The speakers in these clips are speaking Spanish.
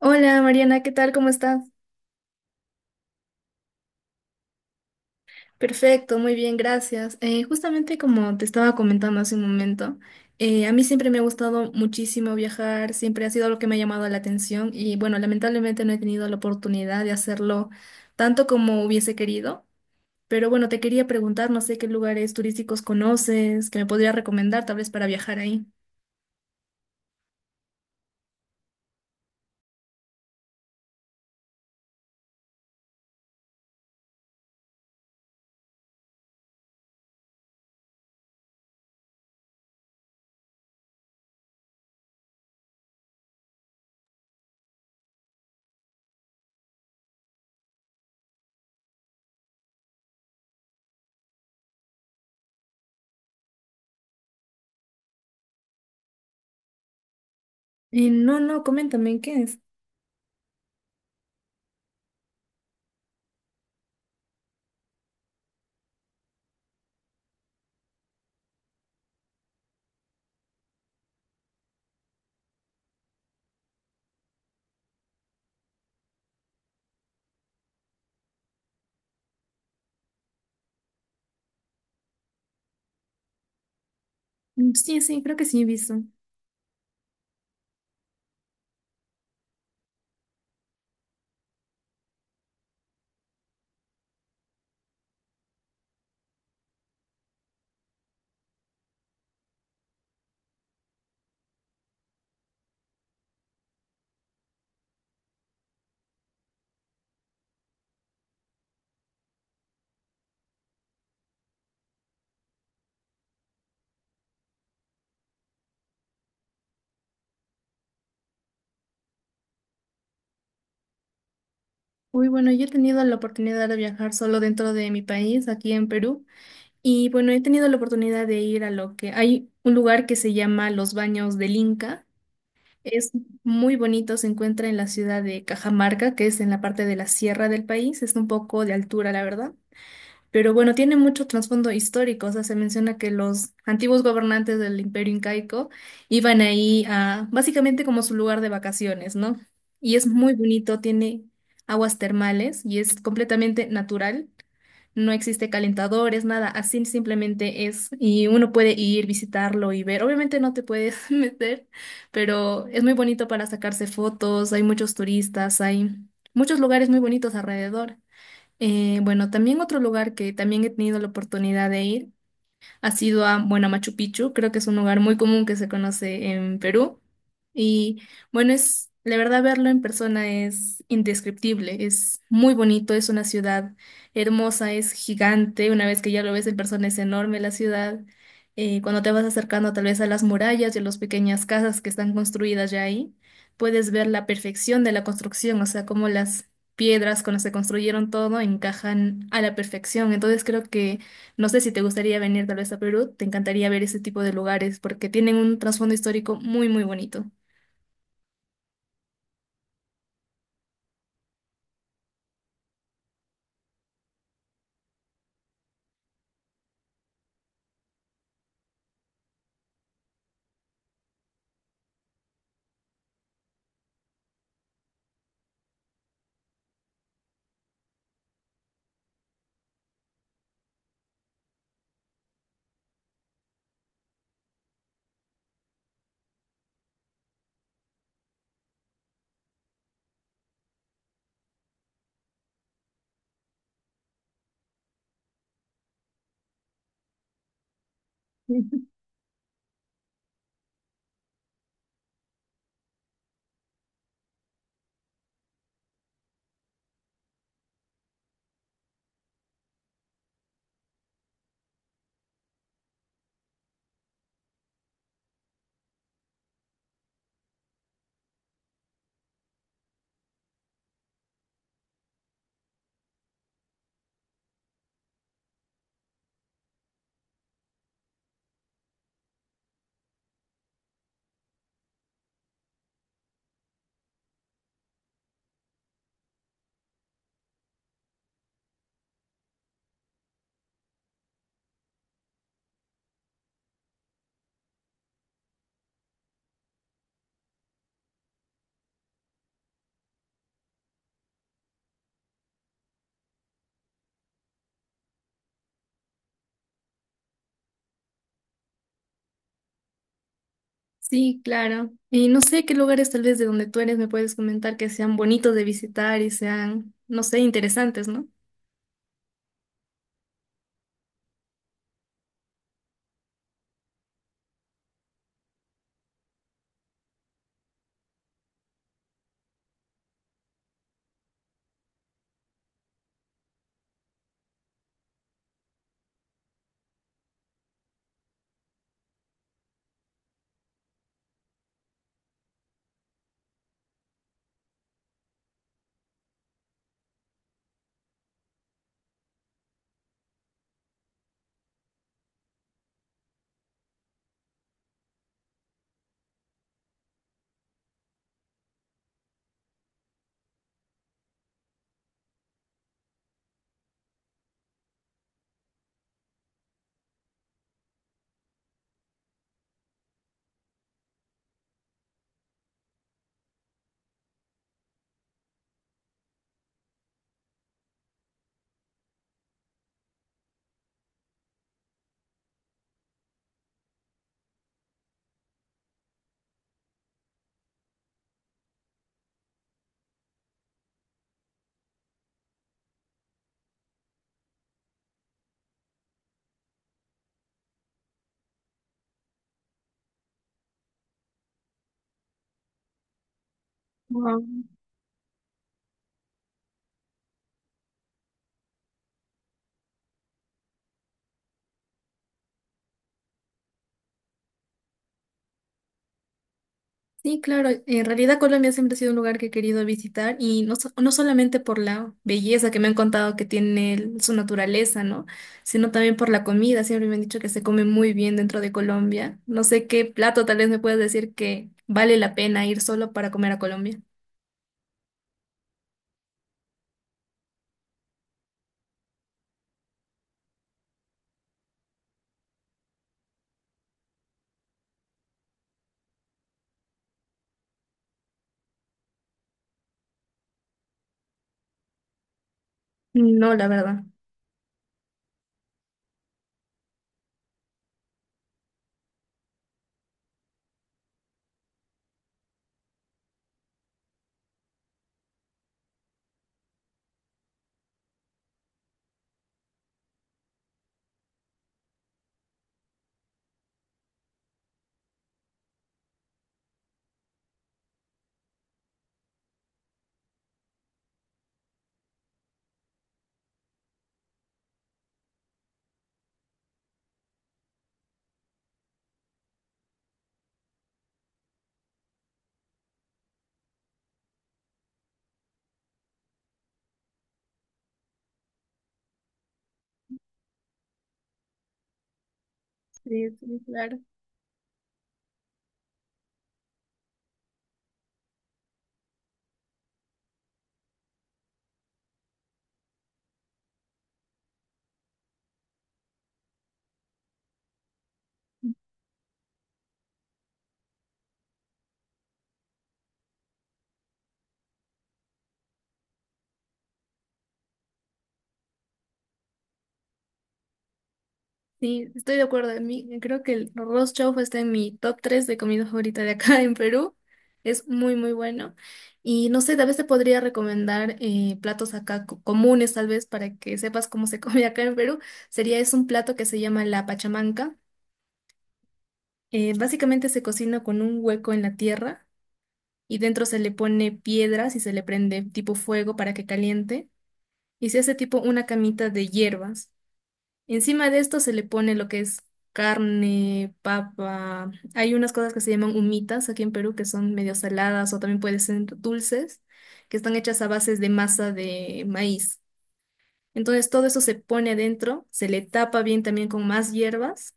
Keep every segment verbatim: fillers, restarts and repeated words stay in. Hola Mariana, ¿qué tal? ¿Cómo estás? Perfecto, muy bien, gracias. Eh, justamente como te estaba comentando hace un momento, eh, a mí siempre me ha gustado muchísimo viajar, siempre ha sido algo que me ha llamado la atención y bueno, lamentablemente no he tenido la oportunidad de hacerlo tanto como hubiese querido, pero bueno, te quería preguntar, no sé qué lugares turísticos conoces, que me podría recomendar tal vez para viajar ahí. Eh, no, no, coméntame, ¿qué es? Mm. Sí, sí, creo que sí he visto. Uy, bueno, yo he tenido la oportunidad de viajar solo dentro de mi país, aquí en Perú. Y bueno, he tenido la oportunidad de ir a lo que hay un lugar que se llama Los Baños del Inca. Es muy bonito, se encuentra en la ciudad de Cajamarca, que es en la parte de la sierra del país. Es un poco de altura, la verdad. Pero bueno, tiene mucho trasfondo histórico. O sea, se menciona que los antiguos gobernantes del Imperio Incaico iban ahí a básicamente como su lugar de vacaciones, ¿no? Y es muy bonito, tiene aguas termales y es completamente natural. No existe calentadores, nada, así simplemente es. Y uno puede ir, visitarlo y ver. Obviamente no te puedes meter, pero es muy bonito para sacarse fotos. Hay muchos turistas, hay muchos lugares muy bonitos alrededor. Eh, bueno, también otro lugar que también he tenido la oportunidad de ir. ¿Has ido a, bueno, a Machu Picchu? Creo que es un lugar muy común que se conoce en Perú. Y bueno, es, la verdad, verlo en persona es indescriptible, es muy bonito, es una ciudad hermosa, es gigante, una vez que ya lo ves en persona es enorme la ciudad. Eh, cuando te vas acercando tal vez a las murallas y a las pequeñas casas que están construidas ya ahí, puedes ver la perfección de la construcción, o sea, cómo las piedras con las que construyeron todo encajan a la perfección. Entonces creo que no sé si te gustaría venir tal vez a Perú, te encantaría ver ese tipo de lugares porque tienen un trasfondo histórico muy, muy bonito. Sí, claro. Y no sé qué lugares tal vez de donde tú eres me puedes comentar que sean bonitos de visitar y sean, no sé, interesantes, ¿no? Wow. Sí, claro. En realidad Colombia siempre ha sido un lugar que he querido visitar y no, so- no solamente por la belleza que me han contado que tiene el- su naturaleza, ¿no? Sino también por la comida. Siempre me han dicho que se come muy bien dentro de Colombia. No sé qué plato tal vez me puedas decir que vale la pena ir solo para comer a Colombia. No, la verdad. Sí, sí, claro. Sí, estoy de acuerdo. A mí, creo que el arroz chaufa está en mi top tres de comida favorita de acá en Perú. Es muy, muy bueno. Y no sé, tal vez te podría recomendar eh, platos acá co- comunes, tal vez, para que sepas cómo se come acá en Perú. Sería, es un plato que se llama la pachamanca. Eh, básicamente se cocina con un hueco en la tierra y dentro se le pone piedras y se le prende tipo fuego para que caliente. Y se hace tipo una camita de hierbas. Encima de esto se le pone lo que es carne, papa. Hay unas cosas que se llaman humitas aquí en Perú que son medio saladas o también pueden ser dulces, que están hechas a bases de masa de maíz. Entonces todo eso se pone adentro, se le tapa bien también con más hierbas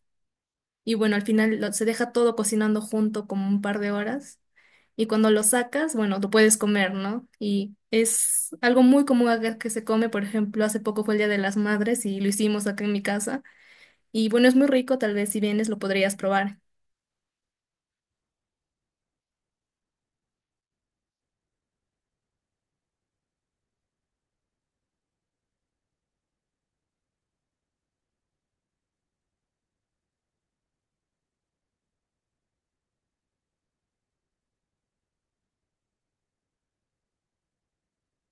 y bueno, al final lo- se deja todo cocinando junto como un par de horas y cuando lo sacas, bueno, lo puedes comer, ¿no? Y es algo muy común acá que se come, por ejemplo, hace poco fue el Día de las Madres y lo hicimos acá en mi casa. Y bueno, es muy rico, tal vez si vienes lo podrías probar.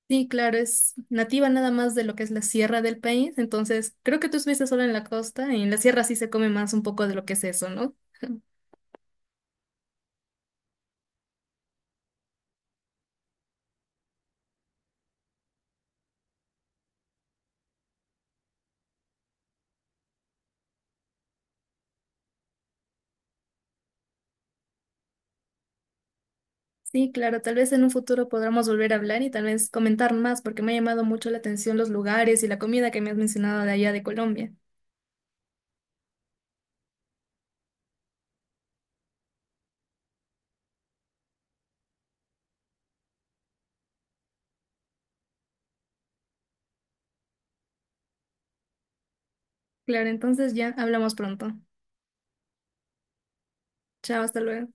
Sí, claro, es nativa nada más de lo que es la sierra del país, entonces creo que tú estuviste solo en la costa y en la sierra sí se come más un poco de lo que es eso, ¿no? Sí, claro, tal vez en un futuro podamos volver a hablar y tal vez comentar más porque me ha llamado mucho la atención los lugares y la comida que me has mencionado de allá de Colombia. Claro, entonces ya hablamos pronto. Chao, hasta luego.